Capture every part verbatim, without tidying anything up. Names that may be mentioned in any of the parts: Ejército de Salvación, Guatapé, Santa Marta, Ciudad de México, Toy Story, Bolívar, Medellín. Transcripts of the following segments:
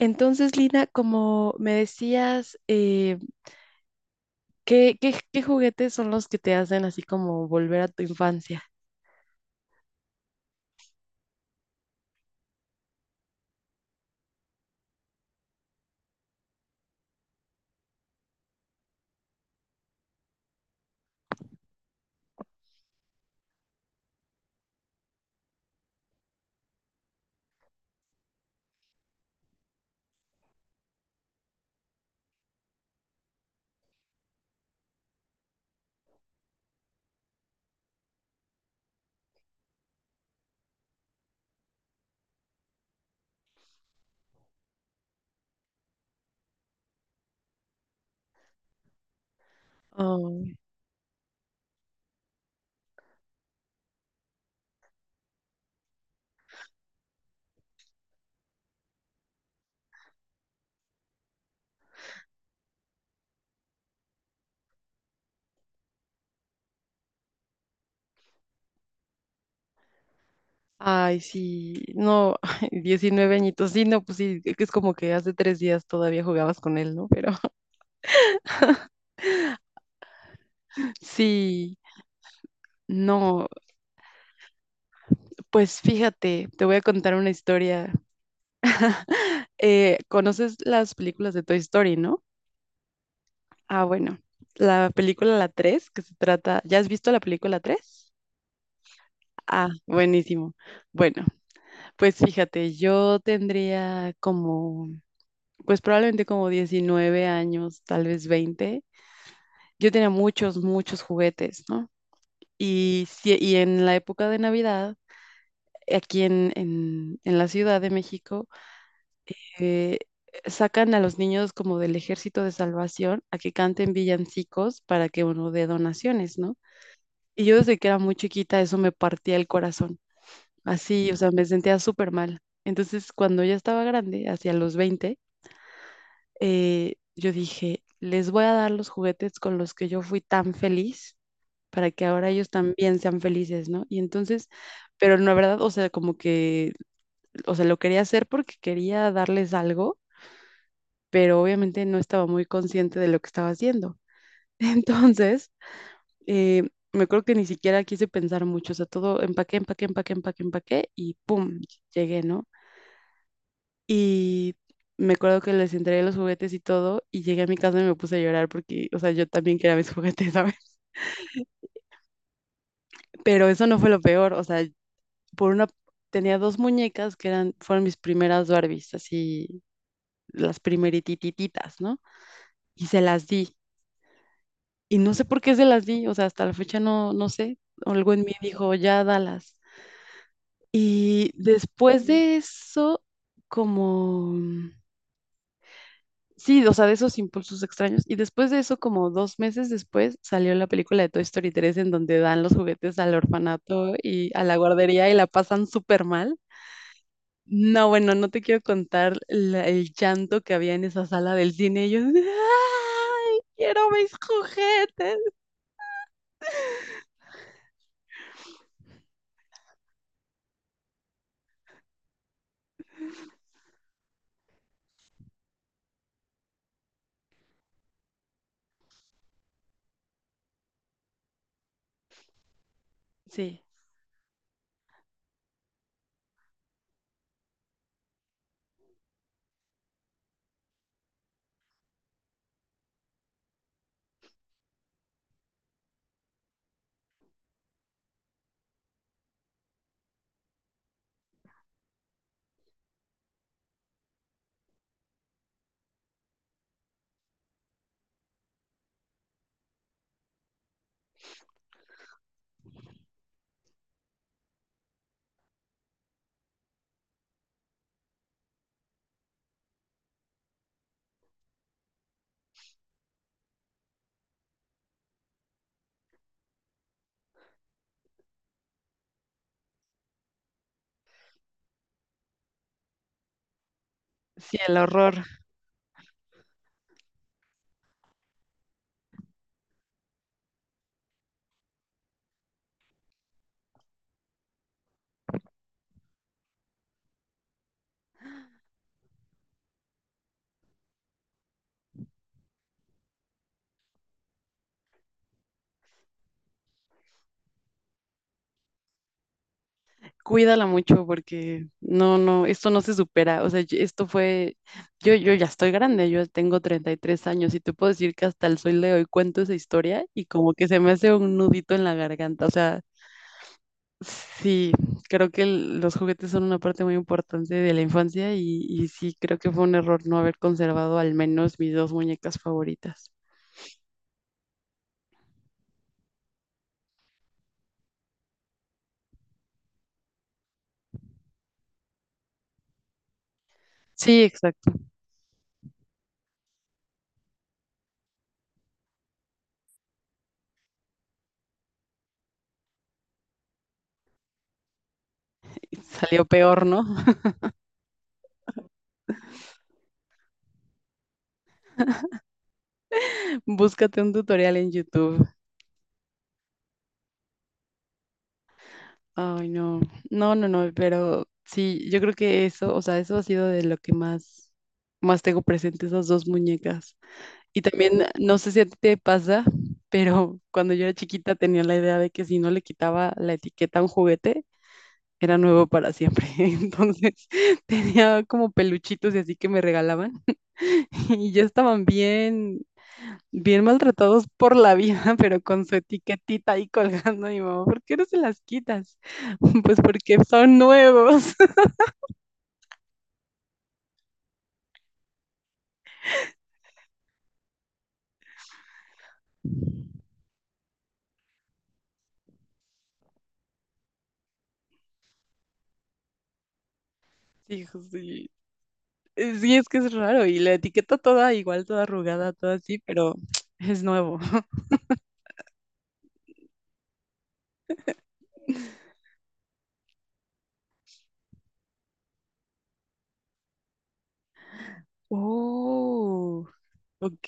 Entonces, Lina, como me decías, eh, ¿qué, qué- qué juguetes son los que te hacen así como volver a tu infancia? Oh, ay, sí, no, diecinueve añitos. Sí, no, pues sí, es como que hace tres días todavía jugabas con él, ¿no? Pero sí, no, pues fíjate, te voy a contar una historia. Eh, ¿conoces las películas de Toy Story, no? Ah, bueno, la película, la tres, que se trata, ¿ya has visto la película tres? Ah, buenísimo. Bueno, pues fíjate, yo tendría como, pues probablemente como diecinueve años, tal vez veinte. Yo tenía muchos, muchos juguetes, ¿no? Y, si, y en la época de Navidad, aquí en, en- en la Ciudad de México, eh, sacan a los niños como del Ejército de Salvación a que canten villancicos para que uno dé donaciones, ¿no? Y yo desde que era muy chiquita eso me partía el corazón, así, o sea, me sentía súper mal. Entonces, cuando ya estaba grande, hacia los veinte, eh, yo dije, les voy a dar los juguetes con los que yo fui tan feliz para que ahora ellos también sean felices, ¿no? Y entonces, pero la verdad, o sea, como que, o sea, lo quería hacer porque quería darles algo, pero obviamente no estaba muy consciente de lo que estaba haciendo. Entonces, eh, me acuerdo que ni siquiera quise pensar mucho, o sea, todo empaqué, empaqué, empaqué, empaqué, empaqué y ¡pum! Llegué, ¿no? Y me acuerdo que les entregué los juguetes y todo, y llegué a mi casa y me puse a llorar porque, o sea, yo también quería mis juguetes, ¿sabes? Pero eso no fue lo peor, o sea, por una, tenía dos muñecas que eran, fueron mis primeras Barbies, así, las primeritititas, ¿no? Y se las di, y no sé por qué se las di, o sea, hasta la fecha no, no sé, algo en mí dijo, ya dalas. Y después de eso, como... Sí, o sea, de esos impulsos extraños. Y después de eso, como dos meses después, salió la película de Toy Story tres en donde dan los juguetes al orfanato y a la guardería y la pasan súper mal. No, bueno, no te quiero contar la- el llanto que había en esa sala del cine. Ellos, ¡ay! Quiero mis juguetes. Sí, sí, el horror. Cuídala mucho porque no, no, esto no se supera. O sea, yo- esto fue, yo, yo ya estoy grande, yo tengo treinta y tres años y te puedo decir que hasta el sol de hoy cuento esa historia y como que se me hace un nudito en la garganta. O sea, sí, creo que el- los juguetes son una parte muy importante de la infancia y, y sí, creo que fue un error no haber conservado al menos mis dos muñecas favoritas. Sí, exacto. Y salió peor, ¿no? Búscate un tutorial en YouTube. Ay, no, no, no, no, pero sí, yo creo que eso, o sea, eso ha sido de lo que más, más tengo presente, esas dos muñecas. Y también, eh, no sé si a ti te pasa, pero cuando yo era chiquita tenía la idea de que si no le quitaba la etiqueta a un juguete, era nuevo para siempre. Entonces, tenía como peluchitos y así que me regalaban y ya estaban bien bien maltratados por la vida, pero con su etiquetita ahí colgando, mi mamá, ¿por qué no se las quitas? Pues porque son nuevos. Sí, hijo, sí. Eh, sí, es que es raro y la etiqueta toda igual, toda arrugada, toda así, pero es nuevo. Oh, ok,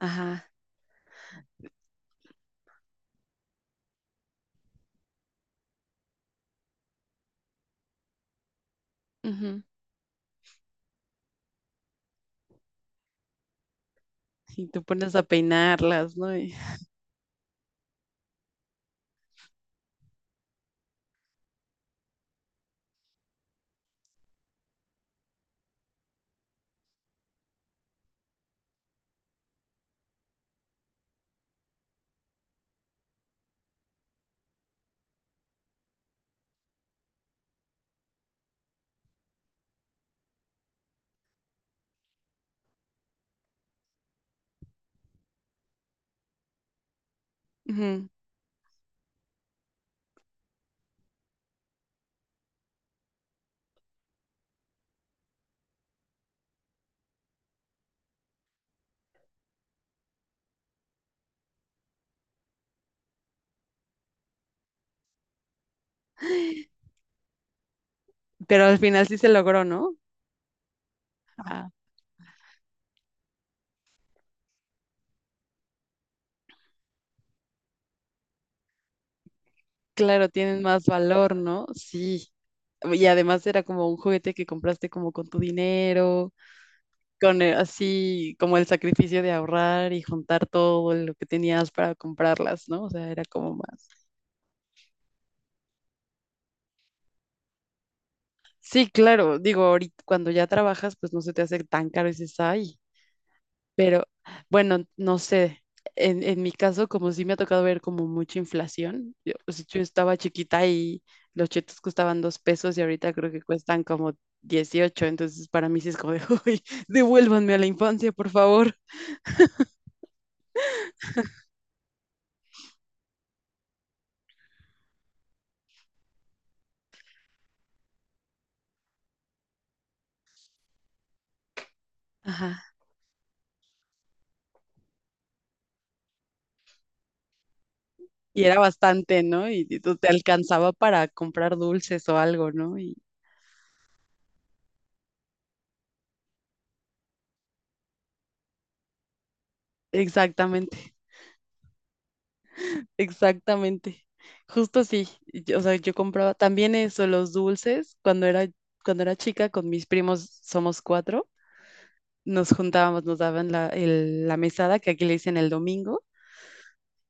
ajá. Ujú. Y tú pones a peinarlas, ¿no? Y- ujú. Pero al final sí se logró, ¿no? Claro, tienen más valor, ¿no? Sí. Y además era como un juguete que compraste como con tu dinero, con eh, así como el sacrificio de ahorrar y juntar todo lo que tenías para comprarlas, ¿no? O sea, era como más. Sí, claro, digo, ahorita cuando ya trabajas, pues no se te hace tan caro y dices, ay. Pero bueno, no sé. En, en mi caso, como sí me ha tocado ver como mucha inflación, yo, o sea, yo estaba chiquita y los chetos costaban dos pesos y ahorita creo que cuestan como dieciocho, entonces para mí sí es como de, uy, devuélvanme a la infancia, por favor. Ajá. Y era bastante, ¿no? Y, y tú te alcanzaba para comprar dulces o algo, ¿no? Y exactamente. Exactamente. Justo así. Yo- o sea, yo compraba también eso, los dulces. Cuando era, cuando era chica, con mis primos somos cuatro, nos juntábamos, nos daban la, el- la mesada, que aquí le dicen el domingo,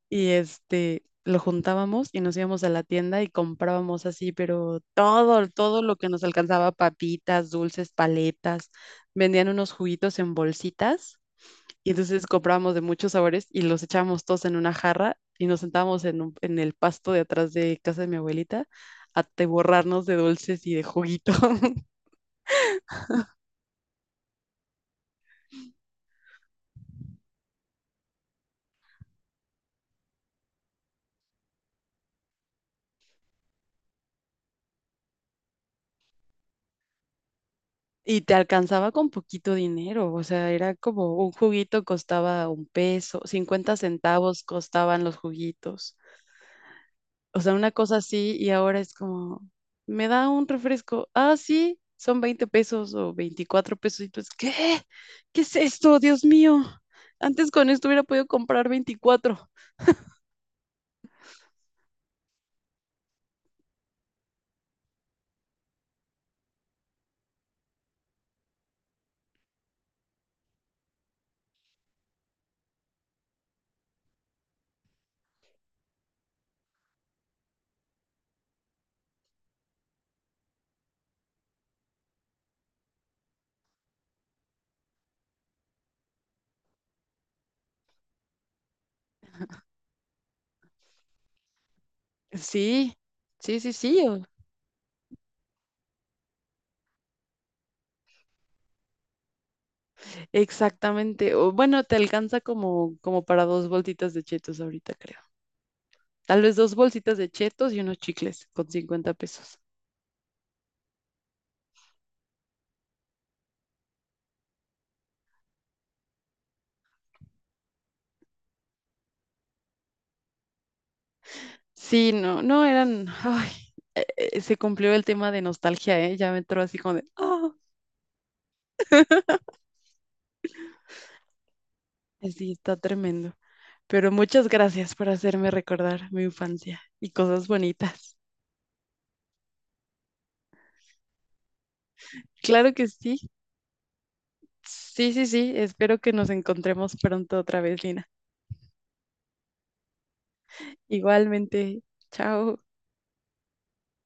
y este, lo juntábamos y nos íbamos a la tienda y comprábamos así, pero todo, todo lo que nos alcanzaba, papitas, dulces, paletas, vendían unos juguitos en bolsitas y entonces comprábamos de muchos sabores y los echábamos todos en una jarra y nos sentábamos en, un- en el pasto de atrás de casa de mi abuelita a te borrarnos de dulces y de juguito. Y te alcanzaba con poquito dinero, o sea, era como un juguito costaba un peso, cincuenta centavos costaban los juguitos. O sea, una cosa así y ahora es como, me da un refresco. Ah, sí, son veinte pesos o veinticuatro pesos. Y tú es, ¿qué? ¿Qué es esto? Dios mío. Antes con esto hubiera podido comprar veinticuatro. Sí, sí, sí, sí. o- Exactamente. O, bueno, te alcanza como, como para dos bolsitas de chetos ahorita, creo. Tal vez dos bolsitas de chetos y unos chicles con cincuenta pesos. Sí, no, no eran. Ay, eh, eh, se cumplió el tema de nostalgia, ¿eh? Ya me entró así como de. "Ah". Sí, está tremendo. Pero muchas gracias por hacerme recordar mi infancia y cosas bonitas. Claro que sí. Sí, sí, sí. Espero que nos encontremos pronto otra vez, Lina. Igualmente. Chao.